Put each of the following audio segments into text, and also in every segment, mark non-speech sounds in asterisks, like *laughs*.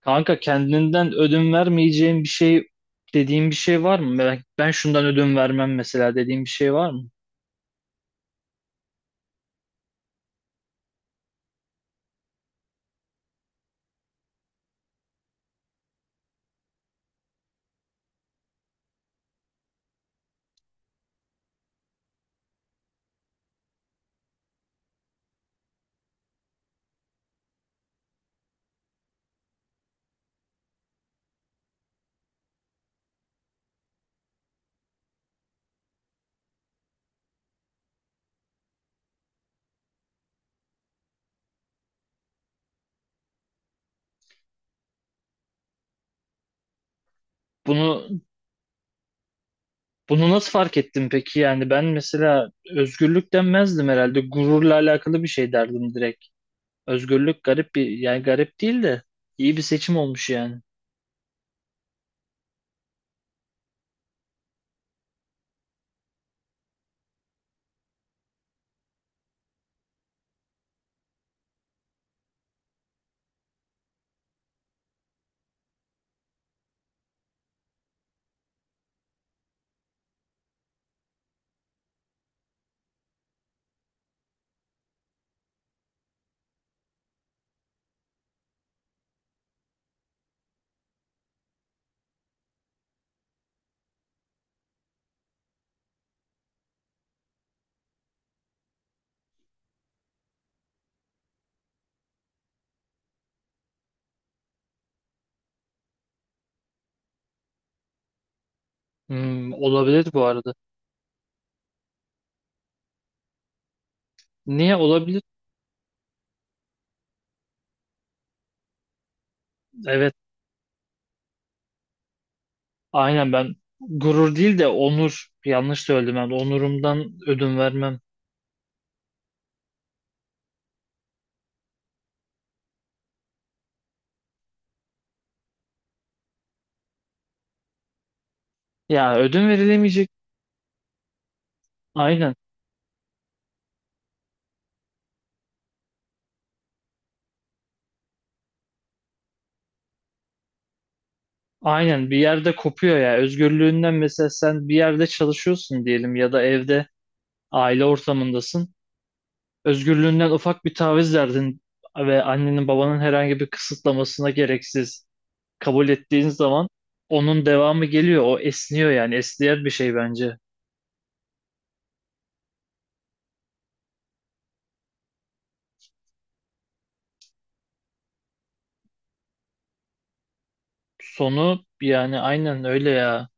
Kanka kendinden ödün vermeyeceğin bir şey dediğin bir şey var mı? Ben şundan ödün vermem mesela dediğin bir şey var mı? Bunu bunu nasıl fark ettin peki? Yani ben mesela özgürlük denmezdim herhalde. Gururla alakalı bir şey derdim direkt. Özgürlük garip bir yani garip değil de iyi bir seçim olmuş yani. Hmm, olabilir bu arada. Niye olabilir? Evet, aynen ben gurur değil de onur yanlış söyledim ben. Onurumdan ödün vermem. Ya ödün verilemeyecek. Aynen. Aynen bir yerde kopuyor ya. Özgürlüğünden mesela sen bir yerde çalışıyorsun diyelim ya da evde aile ortamındasın. Özgürlüğünden ufak bir taviz verdin ve annenin babanın herhangi bir kısıtlamasına gereksiz kabul ettiğin zaman onun devamı geliyor. O esniyor yani esniyen bir şey bence. Sonu yani aynen öyle ya.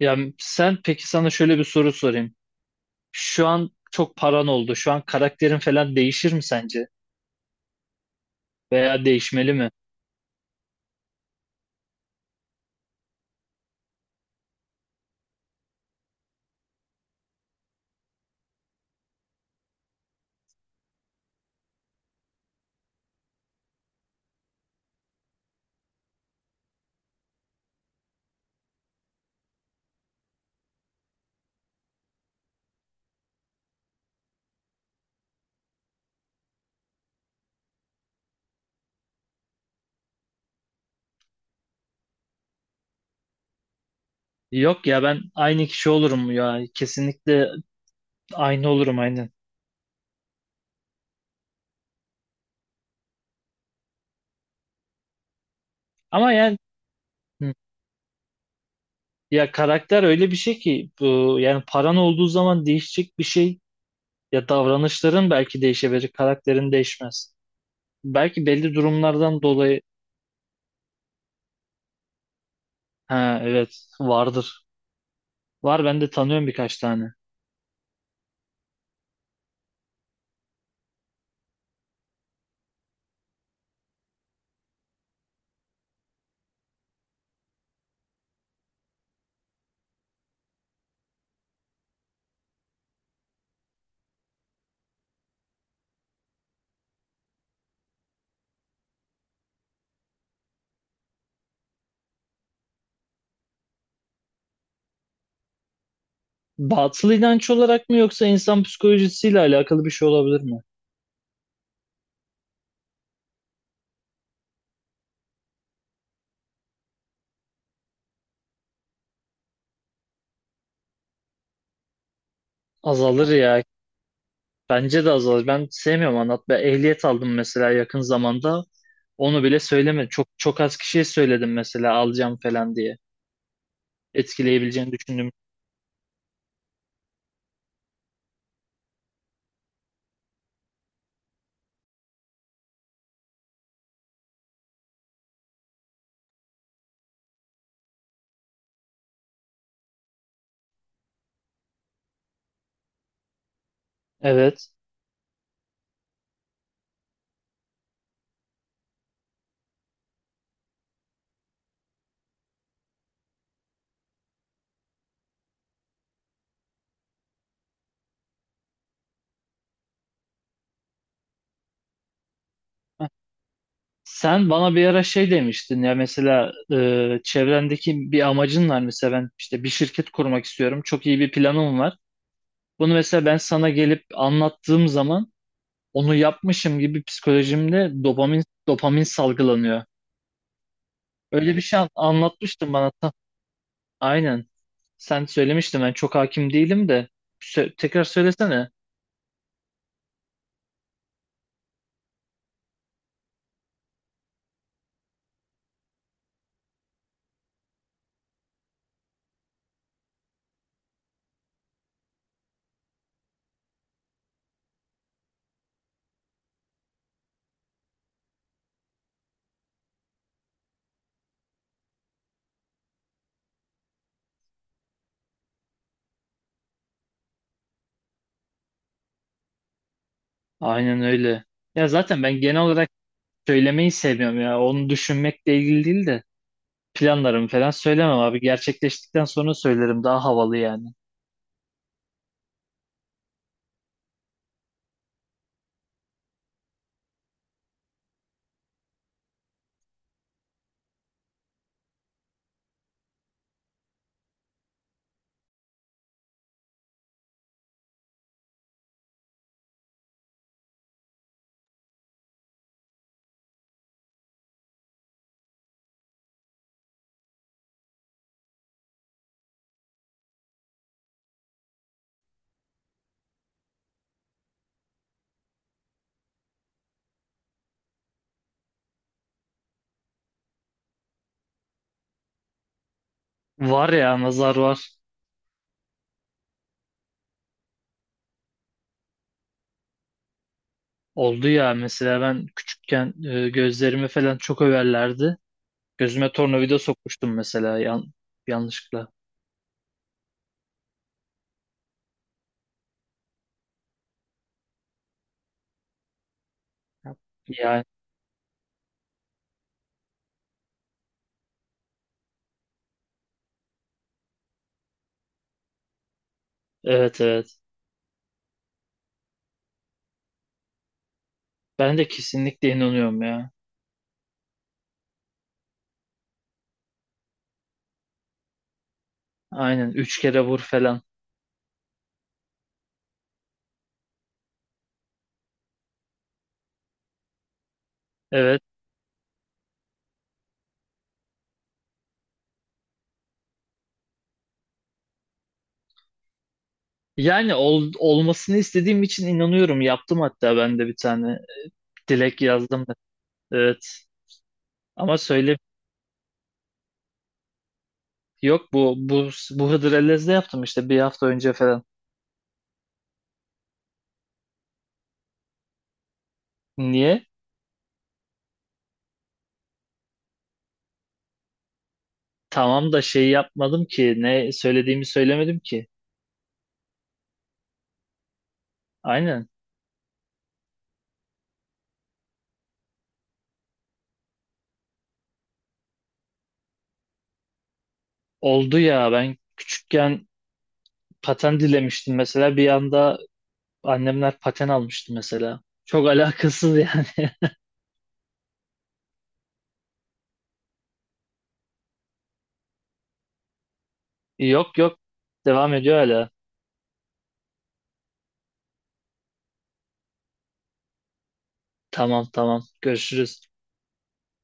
Ya sen, peki sana şöyle bir soru sorayım. Şu an çok paran oldu. Şu an karakterin falan değişir mi sence? Veya değişmeli mi? Yok ya, ben aynı kişi olurum ya. Kesinlikle aynı olurum, aynen. Ama yani hı, ya karakter öyle bir şey ki bu, yani paran olduğu zaman değişecek bir şey, ya davranışların belki değişebilir, karakterin değişmez. Belki belli durumlardan dolayı ha evet vardır. Var, ben de tanıyorum birkaç tane. Batıl inanç olarak mı yoksa insan psikolojisiyle alakalı bir şey olabilir mi? Azalır ya. Bence de azalır. Ben sevmiyorum anlatmayı. Ehliyet aldım mesela yakın zamanda. Onu bile söylemedim. Çok çok az kişiye söyledim mesela alacağım falan diye. Etkileyebileceğini düşündüm. Evet. Heh. Sen bana bir ara şey demiştin ya, mesela çevrendeki bir amacın var mesela, ben işte bir şirket kurmak istiyorum. Çok iyi bir planım var. Bunu mesela ben sana gelip anlattığım zaman onu yapmışım gibi psikolojimde dopamin salgılanıyor. Öyle bir şey anlatmıştın bana. Aynen. Sen söylemiştin, ben çok hakim değilim de tekrar söylesene. Aynen öyle. Ya zaten ben genel olarak söylemeyi sevmiyorum ya. Onu düşünmekle ilgili değil de planlarımı falan söylemem abi. Gerçekleştikten sonra söylerim, daha havalı yani. Var ya, nazar var. Oldu ya, mesela ben küçükken gözlerimi falan çok överlerdi. Gözüme tornavida sokmuştum mesela yanlışlıkla. Yani evet, evet. Ben de kesinlikle inanıyorum ya. Aynen, üç kere vur falan. Evet. Yani olmasını istediğim için inanıyorum. Yaptım hatta, ben de bir tane dilek yazdım. Evet. Ama söyle. Yok, bu Hıdrellez'de yaptım işte, bir hafta önce falan. Niye? Tamam da şey yapmadım ki, ne söylediğimi söylemedim ki. Aynen. Oldu ya, ben küçükken paten dilemiştim mesela, bir anda annemler paten almıştı mesela. Çok alakasız yani. *laughs* Yok, yok, devam ediyor hala. Tamam, tamam, görüşürüz.